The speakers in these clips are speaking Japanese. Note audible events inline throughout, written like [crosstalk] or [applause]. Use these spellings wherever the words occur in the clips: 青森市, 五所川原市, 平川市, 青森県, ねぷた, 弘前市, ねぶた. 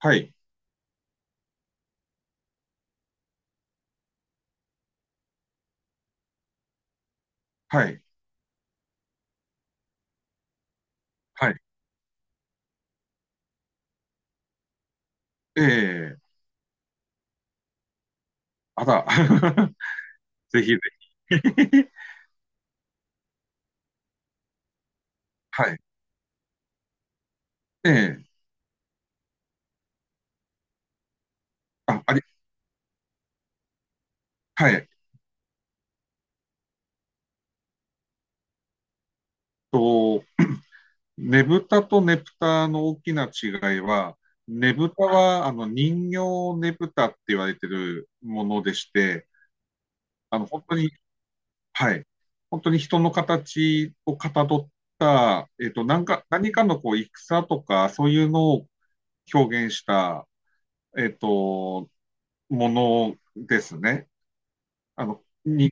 はい、はい、はい。ええ、あら、[laughs] ぜひぜひ。[laughs] はい。ええ、あ、はい。と、ねぶたとねぷたの大きな違いは、ねぶたは、人形ねぶたって言われてるものでして、本当にはい。本当に人の形をかたどった、何かのこう戦とか、そういうのを表現した、えっと、ものですね。あの、に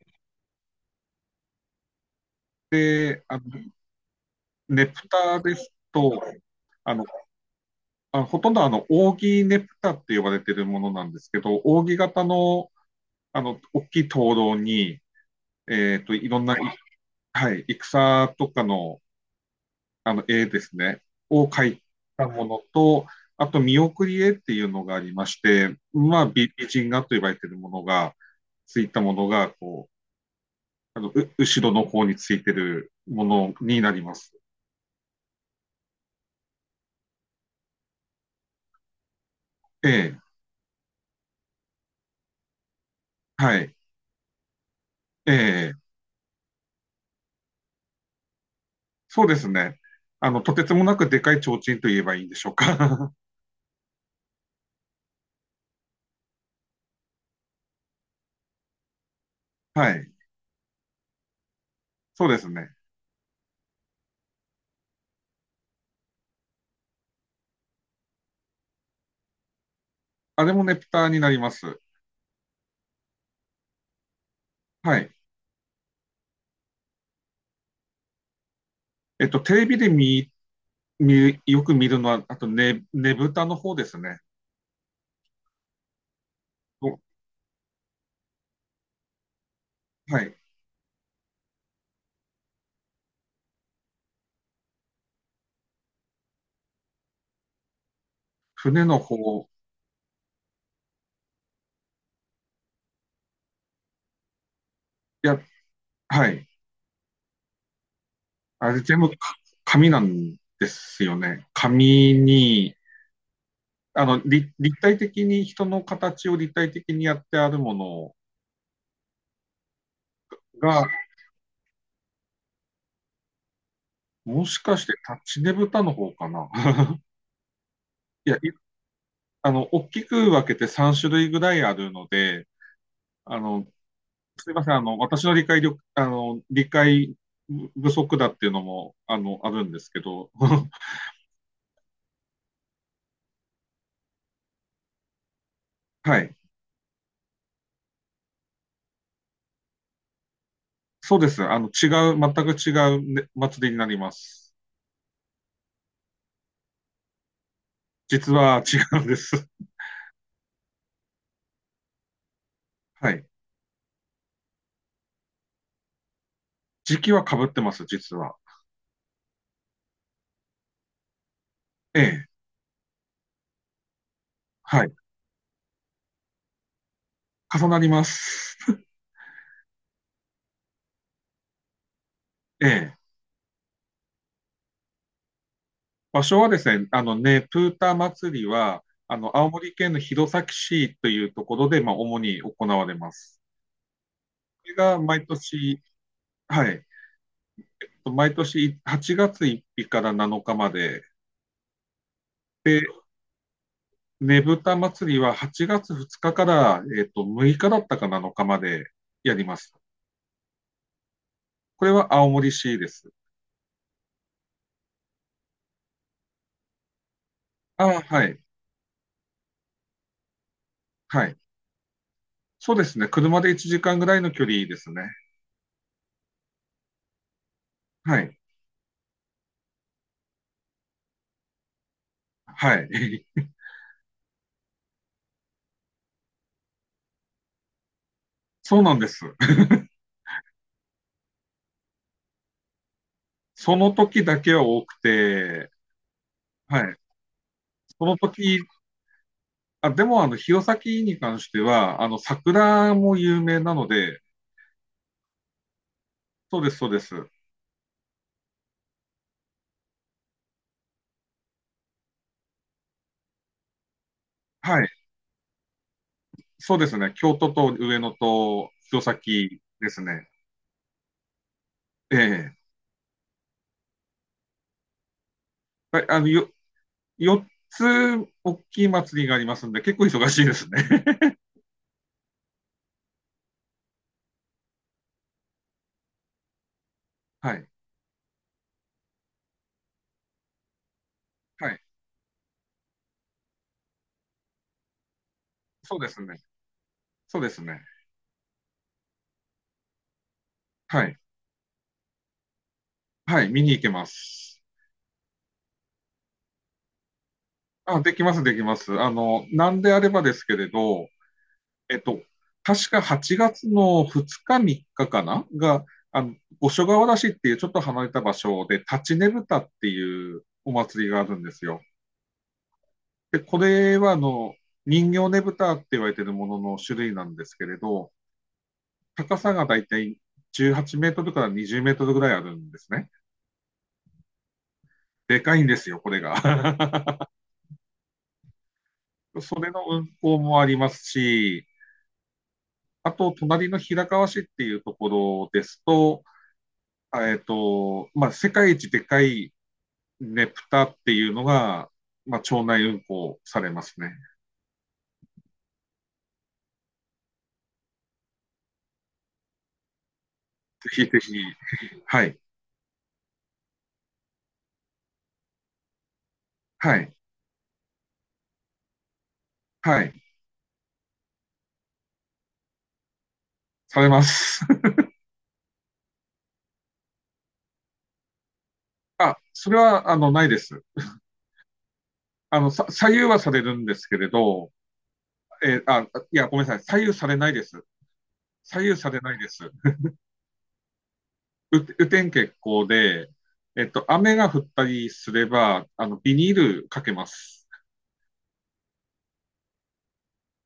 で、ネプタですと、あの、ほとんど扇ネプタって呼ばれているものなんですけど、扇形の、大きい灯籠に、いろんな、はい、戦とかの、絵ですね、を描いたものと、あと、見送り絵っていうのがありまして、まあ、美人画と呼ばれているものが、ついたものが、こう、後ろの方についてるものになります。ええ、はい、ええ。そうですね。とてつもなくでかい提灯と言えばいいんでしょうか。[laughs] はい。そうですね。あれもねぷたになります。はい。テレビでよく見るのは、あとね、ねぶたの方ですね。おはい。船の方。いや、はい。あれ全部か紙なんですよね。紙に、立体的に人の形を立体的にやってあるものが、もしかしてタッチねぶたの方かな。[laughs] いや、大きく分けて3種類ぐらいあるので、あの、すいません、私の理解力、あの、理解不足だっていうのも、あるんですけど、[laughs] はい。そうです。違う、全く違う、ね、祭りになります。実は違うんです。[laughs] はい。時期は被ってます、実は。ええ。はい。重なります。[laughs] ええ。場所はですね、あのね、プーター祭りは、青森県の弘前市というところで、まあ、主に行われます。れが毎年、はい、毎年8月1日から7日まで、で、ねぶた祭りは8月2日から、6日だったか7日までやります。これは青森市です。ああ、はい、はい。そうですね。車で1時間ぐらいの距離ですね。はい、はい。[laughs] そうなんです。その時だけは多くて、はい。その時、あ、でも、弘前に関しては、桜も有名なので、そうです、そうです。はい。そうですね。京都と上野と弘前ですね。ええ、はい、4つ大きい祭りがありますんで、結構忙しいですね。[laughs] はい。はい。そうですね。そうですね。はい。はい。見に行けます。あ、できます、できます。なんであればですけれど、えっと、確か8月の2日、3日かかなが、あの、五所川原市っていうちょっと離れた場所で、立ちねぶたっていうお祭りがあるんですよ。で、これは人形ねぶたって言われているものの種類なんですけれど、高さがだいたい18メートルから20メートルぐらいあるんですね。でかいんですよ、これが。[laughs] それの運行もありますし、あと、隣の平川市っていうところですと、まあ、世界一でかいねぷたっていうのが、まあ、町内運行されますね。ぜひぜひ、はい、はい、はい、されます。[laughs] あ、それは、ないです。左右はされるんですけれど、えーあ、いや、ごめんなさい。左右されないです。左右されないです。雨天決行で、雨が降ったりすれば、ビニールかけます。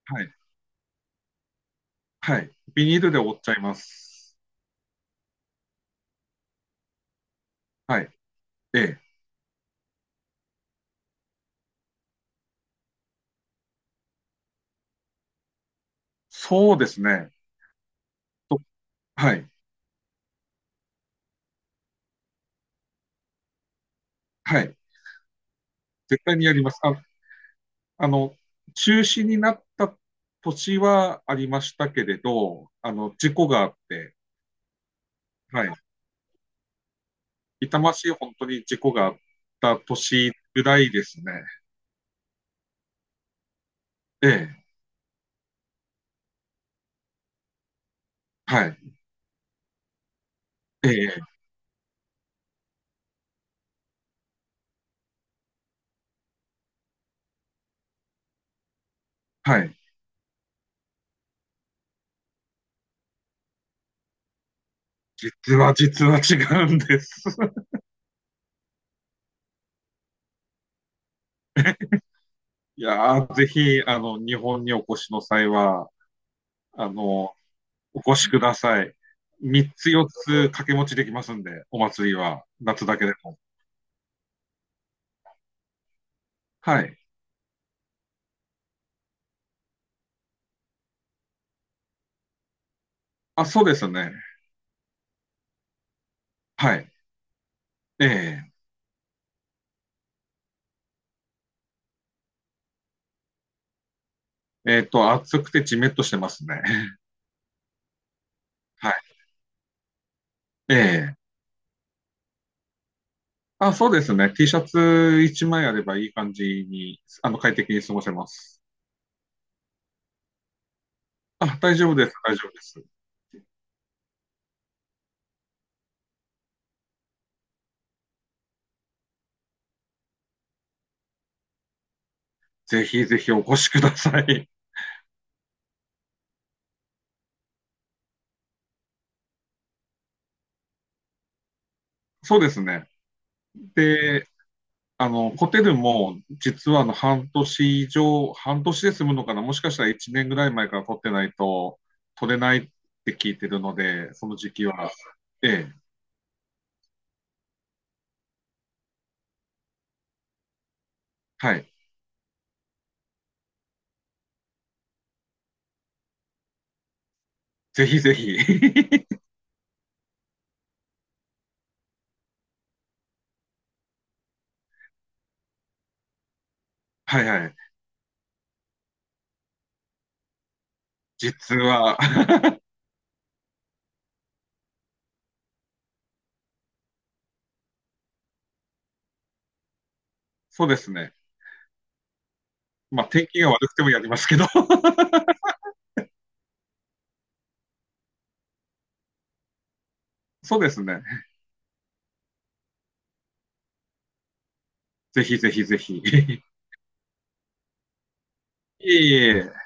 はい。はい。ビニールで覆っちゃいます。はい。ええ。そうですね。と、はい。はい。絶対にやります。あの、中止になった年はありましたけれど、事故があって、はい。痛ましい本当に事故があった年ぐらいですね。ええ、はい、ええ、はい。実は違うんです。[laughs] いやー、ぜひ、日本にお越しの際は、あの、お越しください。3つ4つ掛け持ちできますんで、お祭りは、夏だけでも。はい。あ、そうですね。はい。ええ。暑くてじめっとしてますね。[laughs] はい。ええ。あ、そうですね。T シャツ一枚あればいい感じに、快適に過ごせます。あ、大丈夫です。大丈夫です。ぜひぜひお越しください。[laughs] そうですね。で、ホテルも、実は半年以上、半年で済むのかな。もしかしたら1年ぐらい前から取ってないと、取れないって聞いてるので、その時期は。ええ、はい。ぜひぜひ。[laughs] はいはい。実は、[laughs] そうですね。まあ、天気が悪くてもやりますけど [laughs] そうですね。ぜひぜひぜひ。[laughs] いえいえ。